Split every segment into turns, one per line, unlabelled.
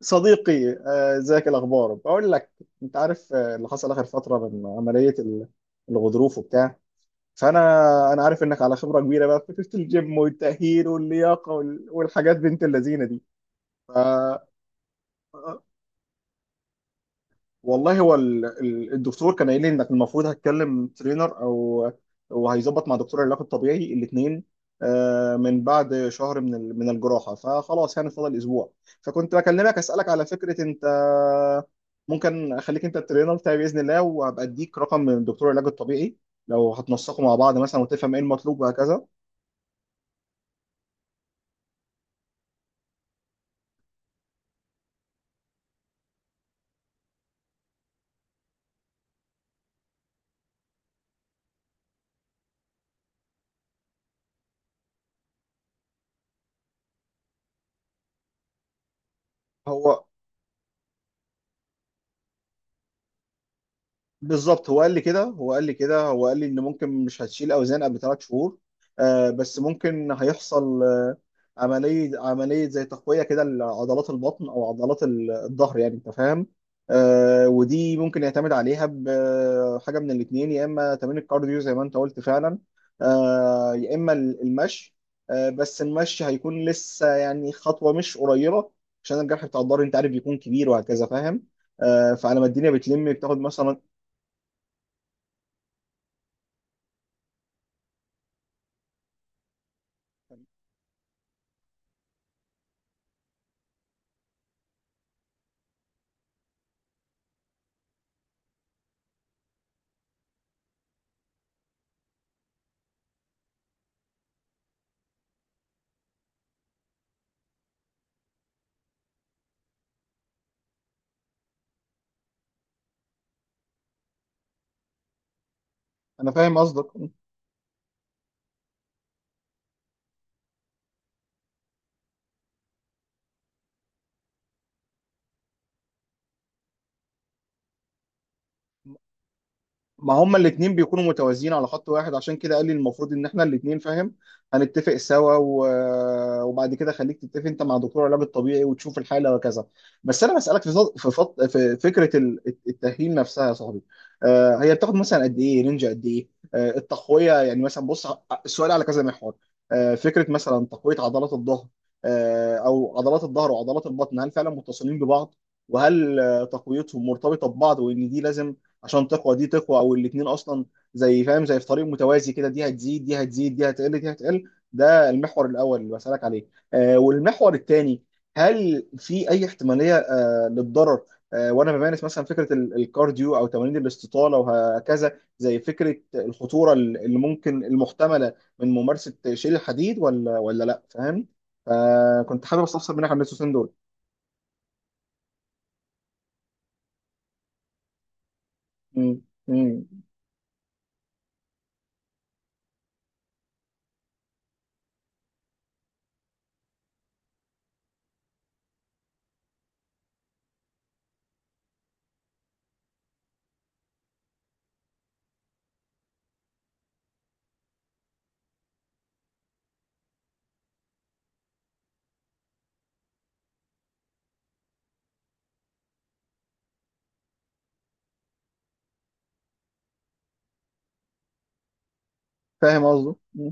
صديقي، ازيك، إيه الاخبار؟ بقول لك انت عارف، اللي حصل اخر فتره من عمليه الغضروف وبتاع. فانا انا عارف انك على خبره كبيره بقى في فكره الجيم والتاهيل واللياقه والحاجات بنت اللذينه دي. ف آه، والله هو الدكتور كان قايل لي انك المفروض هتكلم ترينر او وهيظبط مع دكتور العلاج الطبيعي الاثنين من بعد شهر من الجراحه، فخلاص يعني فاضل اسبوع. فكنت بكلمك اسالك، على فكره انت ممكن اخليك انت الترينر بتاعي باذن الله، وهبقى اديك رقم من دكتور العلاج الطبيعي لو هتنسقوا مع بعض مثلا وتفهم ايه المطلوب وهكذا. هو بالظبط، هو قال لي ان ممكن مش هتشيل اوزان قبل 3 شهور، آه، بس ممكن هيحصل آه عمليه زي تقويه كده لعضلات البطن او عضلات الظهر، يعني انت فاهم. آه، ودي ممكن يعتمد عليها بحاجه من الاثنين، يا اما تمرين الكارديو زي ما انت قلت فعلا، آه، يا اما المشي. آه، بس المشي هيكون لسه يعني خطوه مش قريبه عشان الجرح بتاع الظهر انت عارف بيكون كبير وهكذا، فاهم؟ آه، فعلى ما الدنيا بتلم بتاخد مثلا. انا فاهم قصدك. ما هما الاتنين بيكونوا متوازيين على خط واحد، عشان كده قال لي المفروض ان احنا الاتنين فاهم هنتفق سوا و وبعد كده خليك تتفق انت مع دكتور العلاج الطبيعي وتشوف الحاله وكذا. بس انا بسالك في في فكره التاهيل نفسها يا صاحبي. آه، هي بتاخد مثلا قد ايه رينج، قد ايه آه التقويه؟ يعني مثلا بص، السؤال على كذا محور. آه، فكره مثلا تقويه عضلات الظهر، آه، او عضلات الظهر وعضلات البطن، هل فعلا متصلين ببعض؟ وهل آه، تقويتهم مرتبطه ببعض، وان دي لازم عشان تقوى دي تقوى، او الاثنين اصلا زي، فاهم، زي في طريق متوازي كده، دي هتزيد دي هتزيد، دي هتقل دي هتقل. ده المحور الاول اللي بسالك عليه. آه، والمحور الثاني، هل في اي احتماليه آه للضرر، آه، وانا بمارس مثلا فكره الكارديو او تمارين الاستطاله وهكذا؟ زي فكره الخطوره اللي ممكن المحتمله من ممارسه شيل الحديد، ولا ولا لا، فاهم؟ فكنت حابب استفسر منك عن النسوسين دول. م- م- فاهم قصده.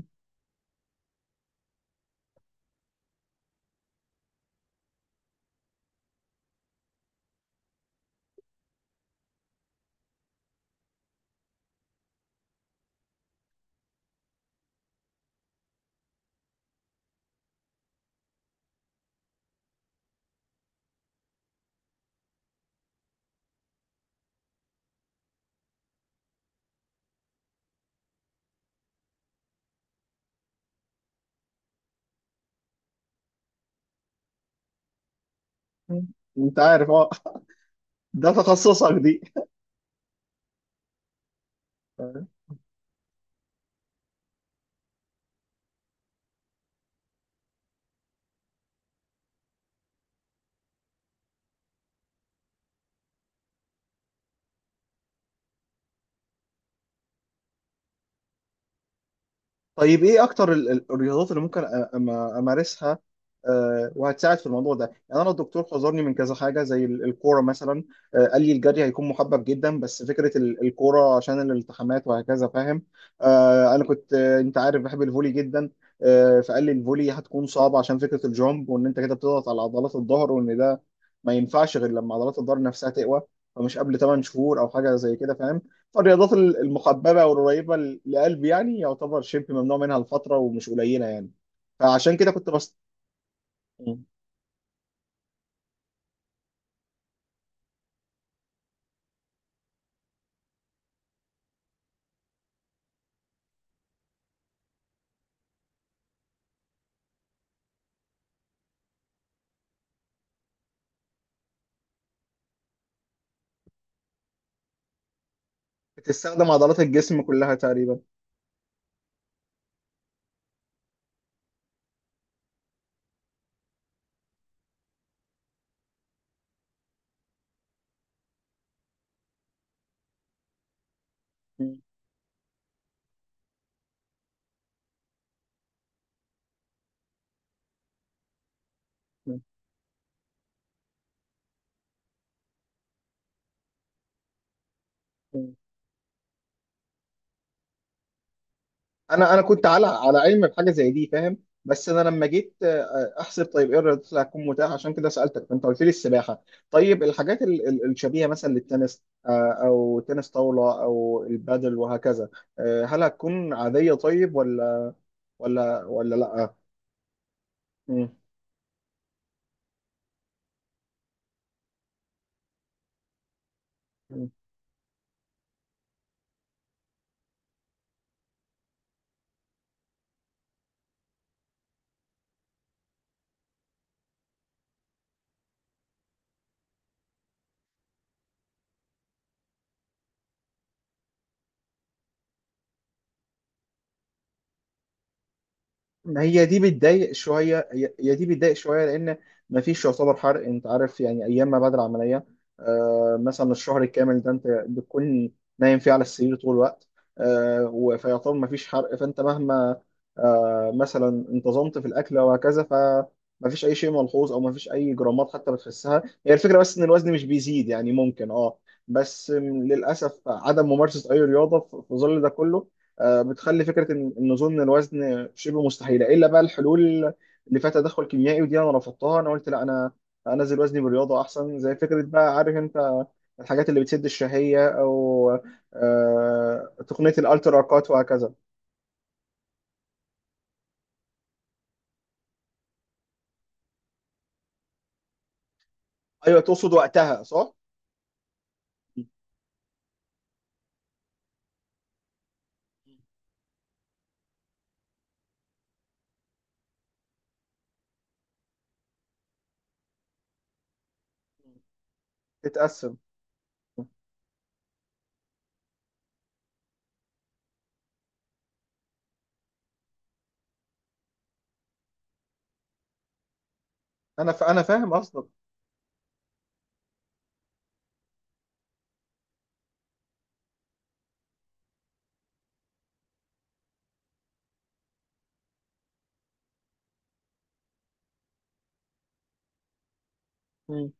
م- انت عارف، اه، ده تخصصك دي. طيب ايه اكتر الرياضات اللي ممكن امارسها، آه، وهتساعد في الموضوع ده؟ يعني انا الدكتور حذرني من كذا حاجه زي الكوره مثلا. آه، قال لي الجري هيكون محبب جدا، بس فكره الكوره عشان الالتحامات وهكذا، فاهم. آه، انا كنت آه، انت عارف بحب الفولي جدا، آه، فقال لي الفولي هتكون صعبه عشان فكره الجامب، وان انت كده بتضغط على عضلات الظهر، وان ده ما ينفعش غير لما عضلات الظهر نفسها تقوى، فمش قبل 8 شهور او حاجه زي كده، فاهم. الرياضات المحببة والقريبة لقلبي يعني يعتبر شبه ممنوع منها لفترة، ومش قليلة يعني. فعشان كده كنت بس. مم. بتستخدم عضلات الجسم كلها تقريبا. مم. مم. مم. انا كنت على علم بحاجة زي دي، فاهم. بس انا لما جيت آه، احسب طيب ايه الرياضات اللي هتكون متاحة، عشان كده سألتك فانت قلت لي السباحة. طيب الحاجات الشبيهة مثلا للتنس، آه، او تنس طاولة او البادل وهكذا، آه، هل هتكون عادية طيب، ولا ولا ولا لا؟ مم. ما هي دي بتضايق شويه، هي هي دي بتضايق شويه لان ما فيش يعتبر حرق، انت عارف يعني، ايام ما بعد العمليه آه، مثلا الشهر الكامل ده انت بتكون نايم فيه على السرير طول الوقت، آه، فيعتبر ما فيش حرق. فانت مهما آه مثلا انتظمت في الاكل وهكذا، فما فيش اي شيء ملحوظ او ما فيش اي جرامات حتى بتحسها. هي الفكره بس ان الوزن مش بيزيد، يعني ممكن اه، بس للاسف عدم ممارسه اي رياضه في ظل ده كله، آه، بتخلي فكره ان نزول الوزن شبه مستحيله، الا بقى الحلول اللي فيها تدخل كيميائي، ودي انا رفضتها، انا قلت لا، انا انزل وزني بالرياضه احسن، زي فكره بقى عارف انت الحاجات اللي بتسد الشهيه، او آه تقنيه الالترا كات وهكذا. ايوه، تقصد وقتها، صح؟ م. تتقسم. انا فاهم قصدك. م-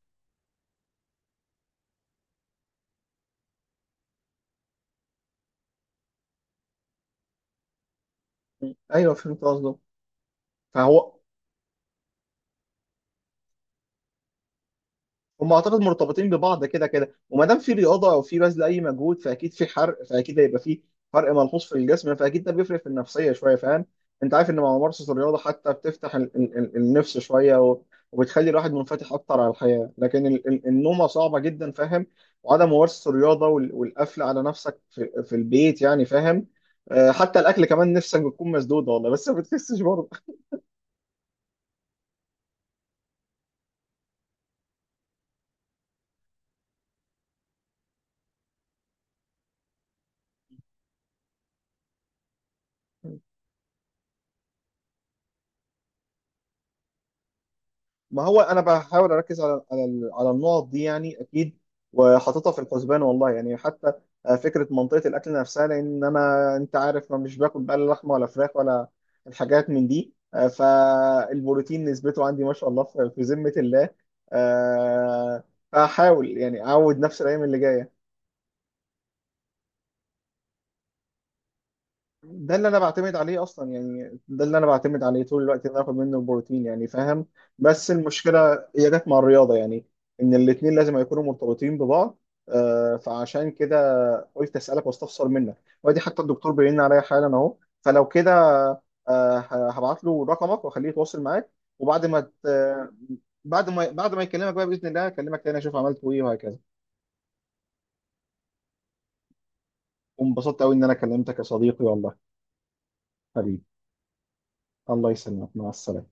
م. ايوه فهمت قصدك. فهو هم اعتقد مرتبطين ببعض كده كده، وما دام في رياضه او في بذل اي مجهود فاكيد في حرق، فاكيد هيبقى في فرق ملحوظ في الجسم، فاكيد ده بيفرق في النفسيه شويه، فاهم. انت عارف ان مع ممارسه الرياضه حتى بتفتح النفس شويه، وبتخلي الواحد منفتح اكتر على الحياه، لكن النومه صعبه جدا، فاهم، وعدم ممارسه الرياضه والقفل على نفسك في البيت يعني، فاهم. آه، حتى الاكل كمان نفسك بتكون مسدوده والله، بس ما بتحسش برضه. ما هو انا بحاول اركز على على النقط دي يعني اكيد، وحاططها في الحسبان والله يعني، حتى آه، فكره منطقه الاكل نفسها، لان انا انت عارف ما مش باكل بقى لا لحمه ولا فراخ ولا الحاجات من دي، آه، فالبروتين نسبته عندي ما شاء الله في ذمه الله. آه، فاحاول يعني اعود نفسي الايام اللي جايه. ده اللي انا بعتمد عليه اصلا يعني، ده اللي انا بعتمد عليه طول الوقت، ان أنا اخد منه البروتين يعني، فاهم. بس المشكله هي جت مع الرياضه يعني، ان الاثنين لازم يكونوا مرتبطين ببعض. آه، فعشان كده قلت اسالك واستفسر منك. وادي حتى الدكتور بيرن عليا حالا اهو، فلو كده آه هبعت له رقمك واخليه يتواصل معاك، وبعد ما بعد ما يكلمك بقى باذن الله اكلمك تاني اشوف عملت ايه وهكذا. وانبسطت قوي ان انا كلمتك يا صديقي، والله. حبيبي، الله يسلمك، مع السلامه.